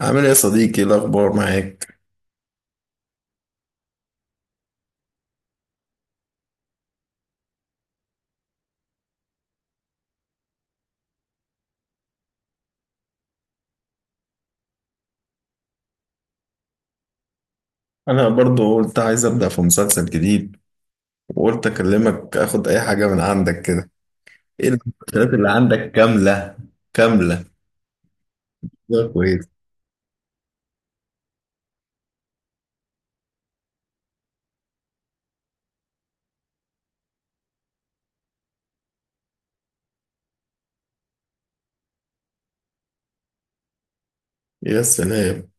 عامل ايه يا صديقي؟ إيه الاخبار معاك؟ انا برضو قلت عايز ابدا في مسلسل جديد، وقلت اكلمك اخد اي حاجه من عندك كده. ايه المسلسلات اللي عندك كامله؟ كامله. ده كويس. يا سلام.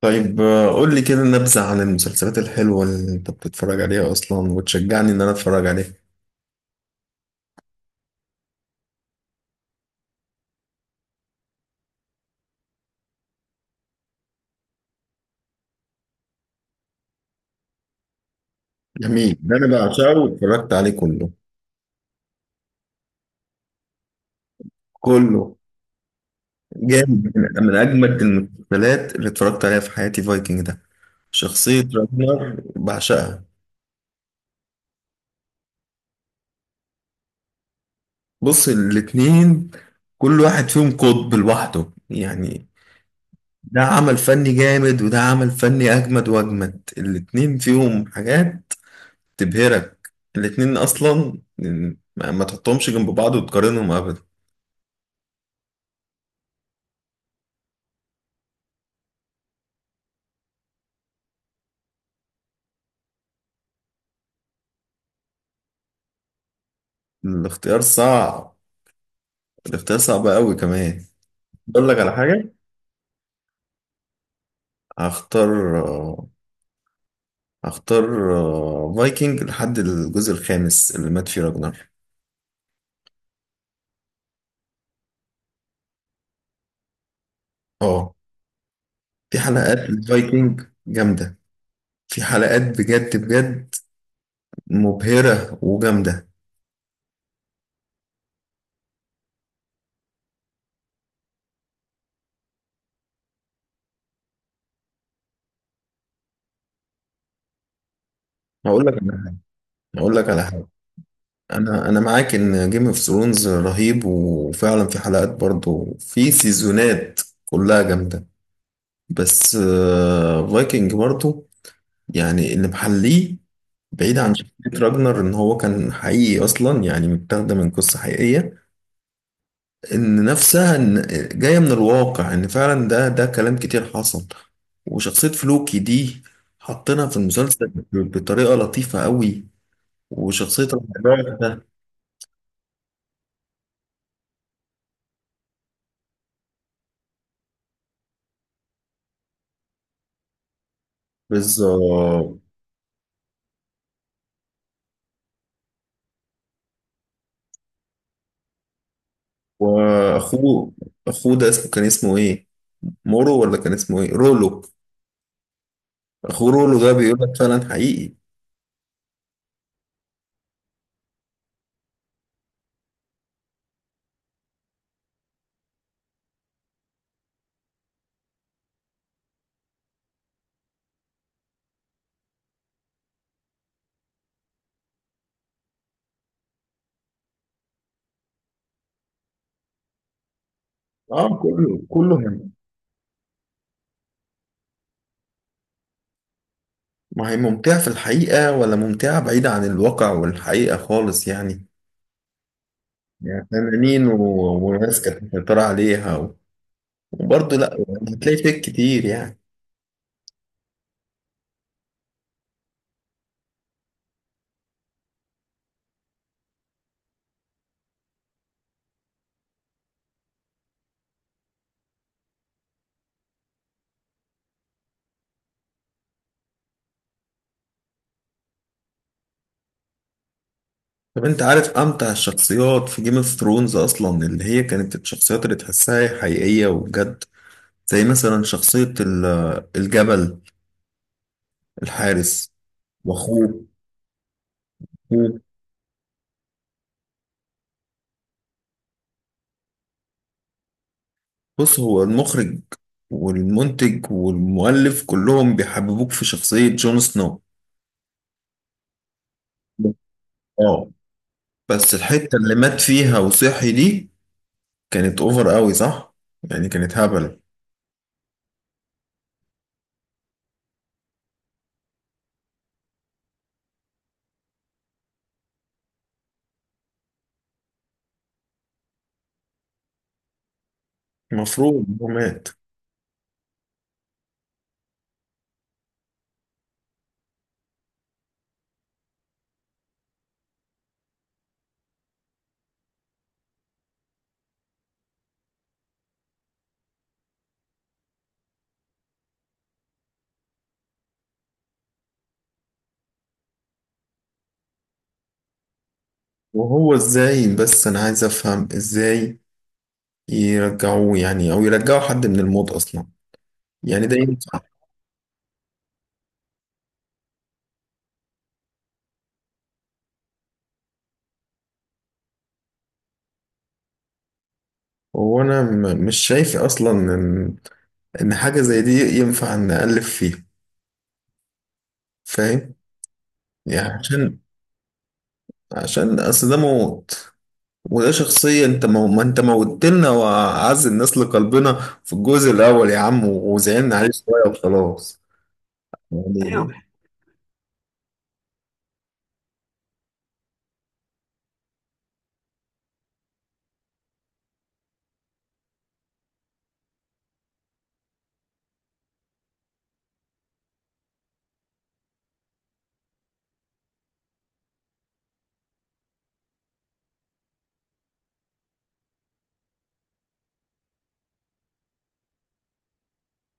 طيب قول لي كده نبذه عن المسلسلات الحلوه اللي انت بتتفرج عليها اصلا وتشجعني ان انا اتفرج عليها. جميل. ده انا بعشقه واتفرجت عليه كله. كله جامد. من اجمد المسلسلات اللي اتفرجت عليها في حياتي فايكنج ده. شخصيه راجنر بعشقها. بص، الاتنين كل واحد فيهم قطب لوحده يعني. ده عمل فني جامد وده عمل فني أجمد وأجمد. الاتنين فيهم حاجات تبهرك. الاتنين أصلا ما تحطهمش جنب بعض وتقارنهم أبدا. الاختيار صعب. الاختيار صعب أوي كمان. أقول لك على حاجة. هختار آه، هختار فايكنج لحد الجزء الخامس اللي مات فيه راجنر. اه، في حلقات الفايكنج جامدة. في حلقات بجد بجد مبهرة وجامدة. هقول لك على حاجة. هقول لك على حاجة. أنا معاك إن جيم اوف ثرونز رهيب وفعلا في حلقات برضو، في سيزونات كلها جامدة، بس فايكنج برضو يعني اللي محليه. بعيد عن شخصية راجنر إن هو كان حقيقي أصلا، يعني متاخدة من قصة حقيقية. إن نفسها إن جاية من الواقع، إن فعلا ده كلام كتير حصل. وشخصية فلوكي دي حطينا في المسلسل بطريقة لطيفة قوي. وشخصية الرباع ده. بالظبط. وأخوه. أخوه ده اسمه، كان اسمه إيه؟ مورو، ولا كان اسمه إيه؟ رولو. أخوه رولو ده بيقول لك فعلا حقيقي. آه كله، كله هم. ما هي ممتعة في الحقيقة، ولا ممتعة بعيدة عن الواقع والحقيقة خالص يعني. يعني فنانين وناس كانت مسيطرة عليها وبرضه لأ. هتلاقي فيك كتير يعني. طب أنت عارف أمتع الشخصيات في جيم اوف ثرونز أصلا، اللي هي كانت الشخصيات اللي تحسها حقيقية وبجد، زي مثلا شخصية الجبل الحارس. وأخوه. أخوه. بص، هو المخرج والمنتج والمؤلف كلهم بيحببوك في شخصية جون سنو. اه، بس الحتة اللي مات فيها وصحي دي كانت اوفر قوي، صح؟ يعني كانت هبل. المفروض هو مات. وهو ازاي؟ بس انا عايز افهم ازاي يرجعوه يعني، او يرجعوا حد من الموت اصلا؟ يعني ده ينفع؟ هو انا مش شايف اصلا ان حاجه زي دي ينفع نألف فيه، فاهم؟ يعني عشان، عشان اصل ده موت، وده شخصيه انت ما انت موتت لنا واعز الناس لقلبنا في الجزء الاول يا عم، وزعلنا عليه شويه وخلاص. يعني ايوه.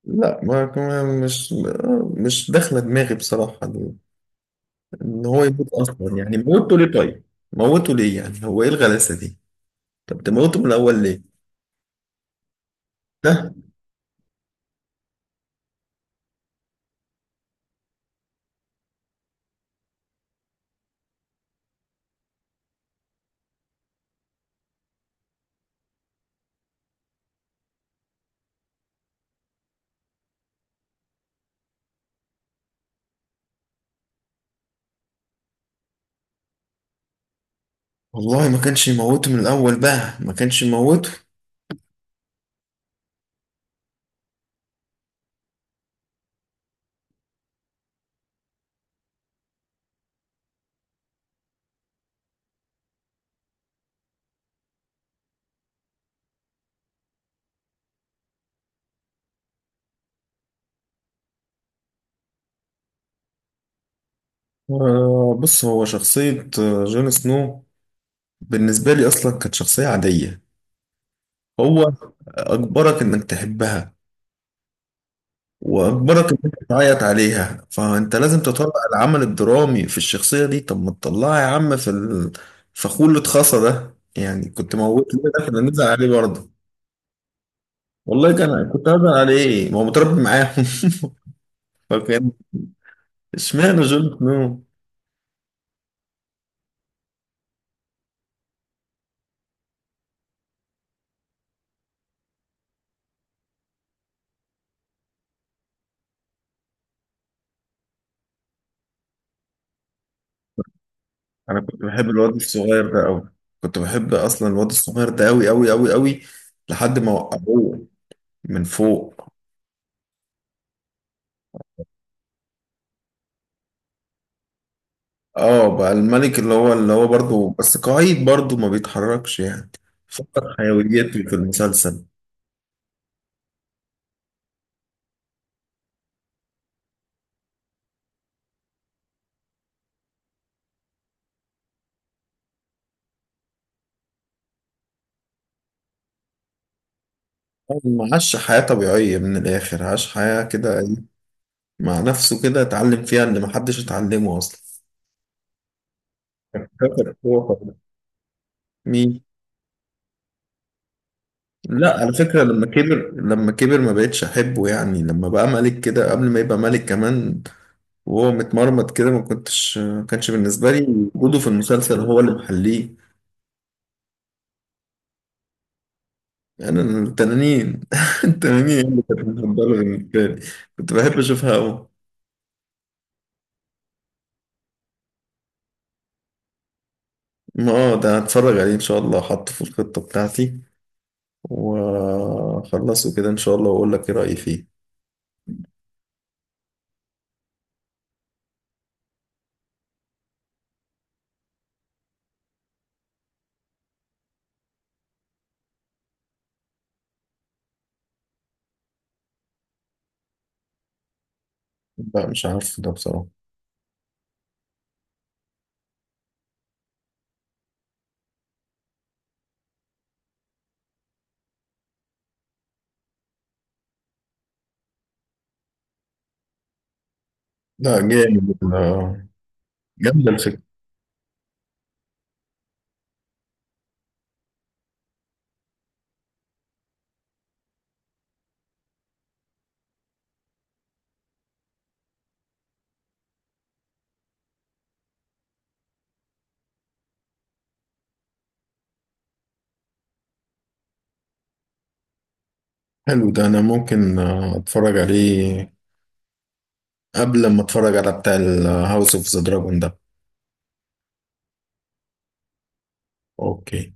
لا، مش، مش داخله دماغي بصراحه ان هو يموت اصلا، يعني موته ليه طيب؟ موته ليه يعني؟ هو ايه الغلاسه دي؟ طب تموته من الاول ليه؟ ده والله ما كانش يموته من الاول بقى، ما كانش يموته. بص، هو شخصية جون سنو بالنسبة لي أصلا كانت شخصية عادية. هو أجبرك إنك تحبها وأجبرك إنك تعيط عليها، فأنت لازم تطلع العمل الدرامي في الشخصية دي. طب ما تطلعها يا عم في الفخور اللي اتخصى ده، يعني كنت موت ليه ده؟ كنا نزعل عليه برضه. والله كان، كنت هزعل عليه، ما هو متربي معاهم. فكان، اشمعنى جون سنو؟ انا كنت بحب الواد الصغير ده قوي. كنت بحب اصلا الواد الصغير ده قوي قوي قوي قوي، لحد ما وقعوه من فوق. اه، بقى الملك اللي هو، اللي هو برضه بس قاعد برضه ما بيتحركش يعني. فقد حيويته في المسلسل. هو ما عاش حياة طبيعية من الآخر، عاش حياة كده مع نفسه، كده اتعلم فيها اللي محدش اتعلمه أصلا. فاكر هو مين؟ لا، على فكرة، لما كبر، لما كبر ما بقتش أحبه، يعني لما بقى ملك كده، قبل ما يبقى ملك كمان وهو متمرمط كده، ما كنتش، ما كانش بالنسبة لي وجوده في المسلسل هو اللي محليه. يعني أنا التنانين التنانين هي اللي كانت مفضلة بالنسبة لي. كنت بحب أشوفها أوي. ما اه، ده هتفرج عليه إن شاء الله، حطه في الخطة بتاعتي وأخلصه كده إن شاء الله، وأقول لك إيه رأيي فيه. لا، مش عارف ده بصراحة. لا جامد، جامدة الفكرة. حلو ده، أنا ممكن أتفرج عليه قبل ما أتفرج على بتاع الهاوس أوف ذا دراجون ده. أوكي.